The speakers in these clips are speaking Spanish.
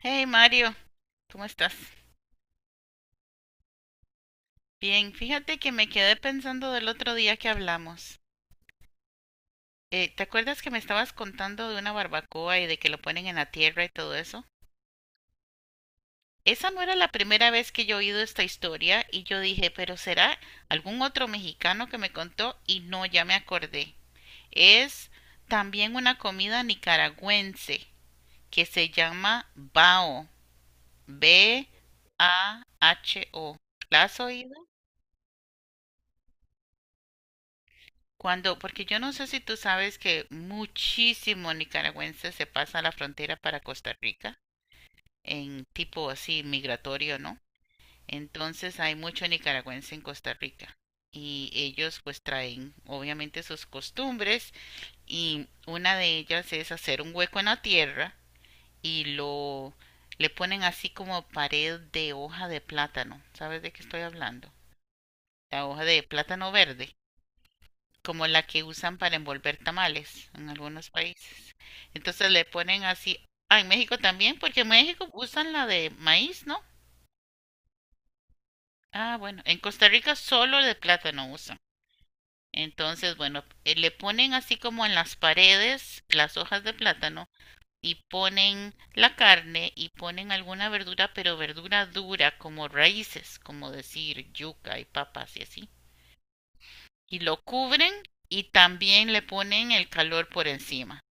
Hey Mario, ¿cómo estás? Bien, fíjate que me quedé pensando del otro día que hablamos. ¿Te acuerdas que me estabas contando de una barbacoa y de que lo ponen en la tierra y todo eso? Esa no era la primera vez que yo he oído esta historia y yo dije, pero será algún otro mexicano que me contó y no, ya me acordé. Es también una comida nicaragüense que se llama bao, BAHO. ¿La has oído? Cuando, porque yo no sé si tú sabes que muchísimo nicaragüense se pasa la frontera para Costa Rica en tipo así migratorio, ¿no? Entonces hay mucho nicaragüense en Costa Rica y ellos pues traen obviamente sus costumbres y una de ellas es hacer un hueco en la tierra y lo le ponen así como pared de hoja de plátano. ¿Sabes de qué estoy hablando? La hoja de plátano verde como la que usan para envolver tamales en algunos países. Entonces le ponen así, ah, en México también, porque en México usan la de maíz, ¿no? Ah, bueno, en Costa Rica solo de plátano usan. Entonces, bueno, le ponen así como en las paredes las hojas de plátano y ponen la carne y ponen alguna verdura, pero verdura dura, como raíces, como decir yuca y papas y así. Y lo cubren y también le ponen el calor por encima.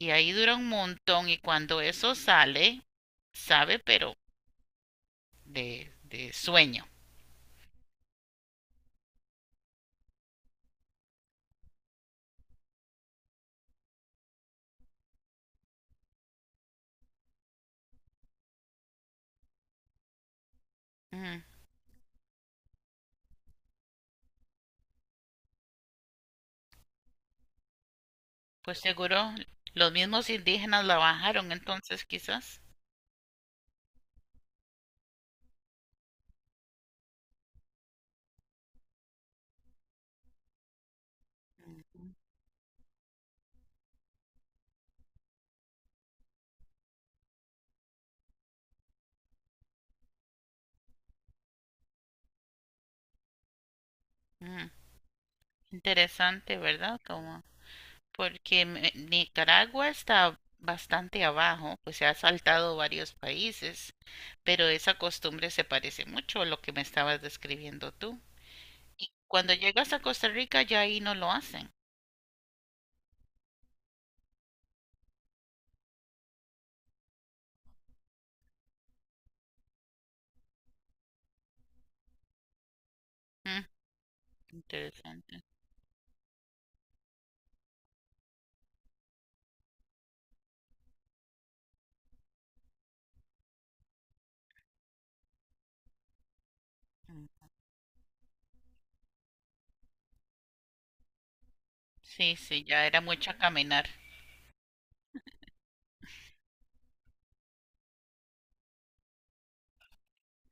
Y ahí dura un montón y cuando eso sale, sabe, pero de sueño. Mm, pues seguro los mismos indígenas la bajaron entonces quizás. Mm, interesante, ¿verdad? Como porque me- Nicaragua está bastante abajo, pues se ha saltado varios países, pero esa costumbre se parece mucho a lo que me estabas describiendo tú. Y cuando llegas a Costa Rica ya ahí no lo hacen. Mm, interesante. Mm, sí, sí, ya era mucho caminar.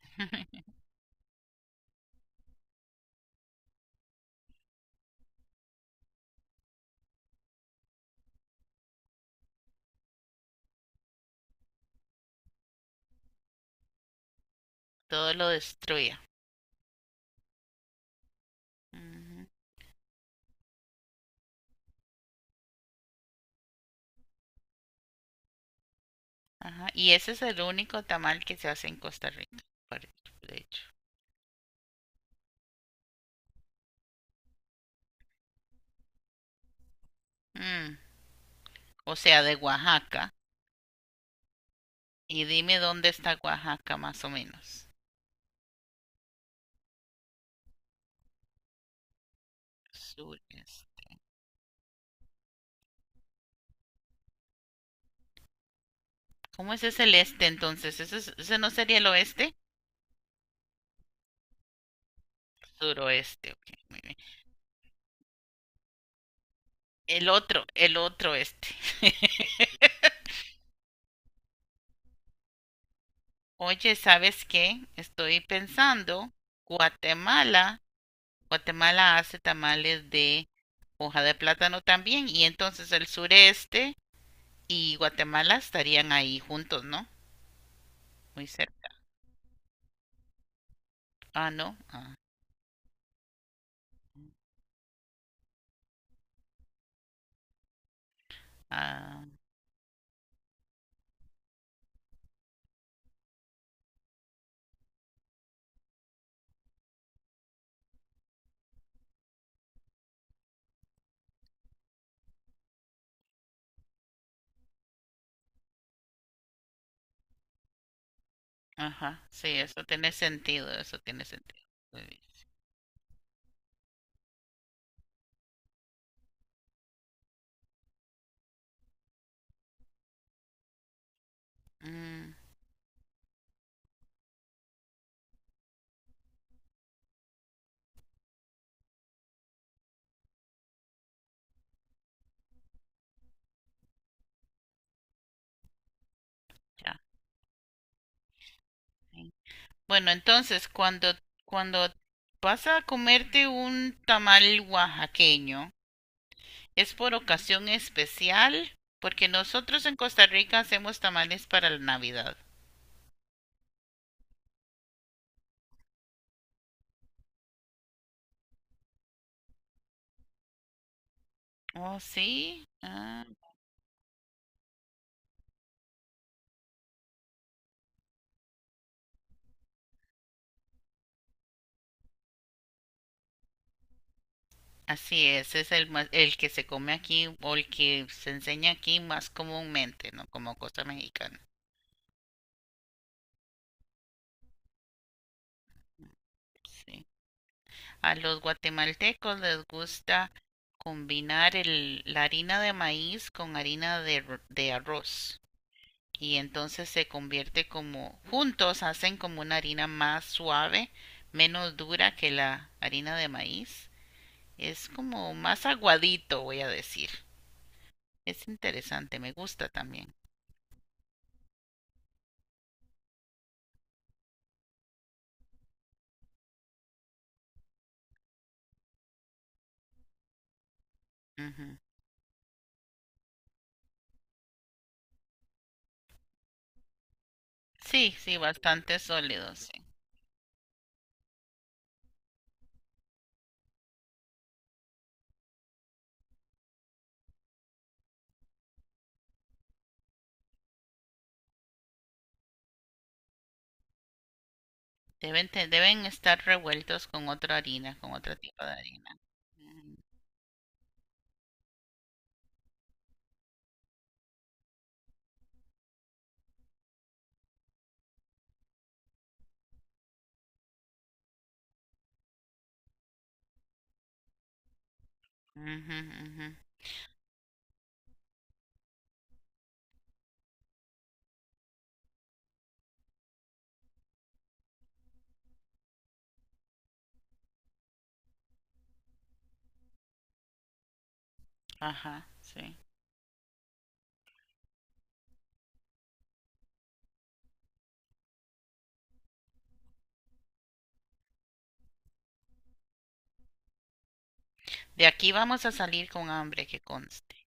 Todo lo destruía. Ujú, ajá. Y ese es el único tamal que se hace en Costa Rica, pare- de hecho. Mm, o sea, de Oaxaca. Y dime dónde está Oaxaca, más o menos. Sureste. ¿Cómo ese es el este entonces? ¿Ese, es- ese no sería el oeste? Suroeste, ok, muy bien. El otro este. Oye, ¿sabes qué? Estoy pensando, Guatemala, Guatemala hace tamales de hoja de plátano también, y entonces el sureste y Guatemala estarían ahí juntos, ¿no? Muy cerca. Ah, no. Ah, ah, ajá, sí, eso tiene sentido, eso tiene sentido. Muy bien. Mm, ya. Sí. Bueno, entonces cuando, cuando vas a comerte un tamal oaxaqueño, ¿es por ocasión especial? Porque nosotros en Costa Rica hacemos tamales para la Navidad. Oh, sí. Ah, así es el más, el que se come aquí o el que se enseña aquí más comúnmente, ¿no? Como cosa mexicana. Sí. A los guatemaltecos les gusta combinar el, la harina de maíz con harina de, r- de arroz y entonces se convierte como, juntos hacen como una harina más suave, menos dura que la harina de maíz. Es como más aguadito, voy a decir. Es interesante, me gusta también. Ujú. Sí, sí, bastante sólidos, sí. Deben, te- deben estar revueltos con otra harina, con otro tipo de harina. Ujú, ujú, ujú. Ajá, sí. De aquí vamos a salir con hambre, que conste.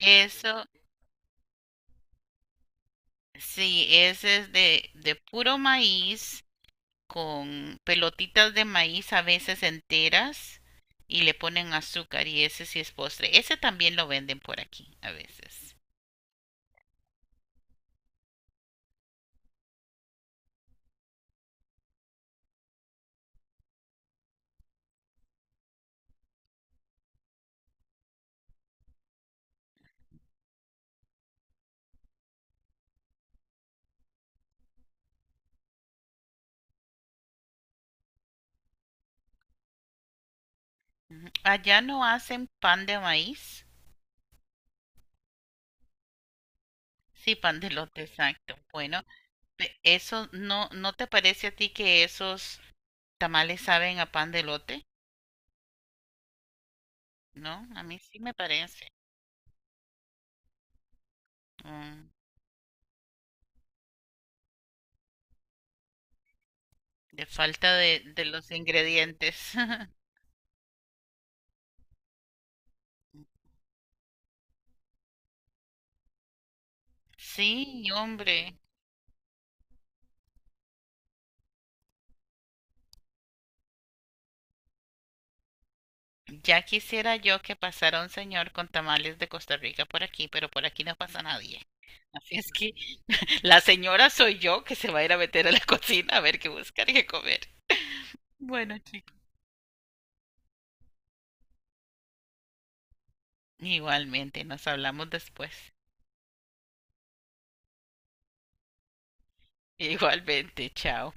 Eso, sí, ese es de puro maíz, con pelotitas de maíz a veces enteras y le ponen azúcar y ese sí es postre. Ese también lo venden por aquí a veces. Ujú. Allá no hacen pan de maíz. Sí, pan de elote, exacto. Bueno, pe- eso no, ¿no te parece a ti que esos tamales saben a pan de elote? No, a mí sí me parece. Mm, de falta de los ingredientes. Sí, hombre. Ya quisiera yo que pasara un señor con tamales de Costa Rica por aquí, pero por aquí no pasa nadie. Así es que la señora soy yo que se va a ir a meter a la cocina a ver qué buscar y qué comer. Bueno, chicos. Igualmente, nos hablamos después. Igualmente, chao.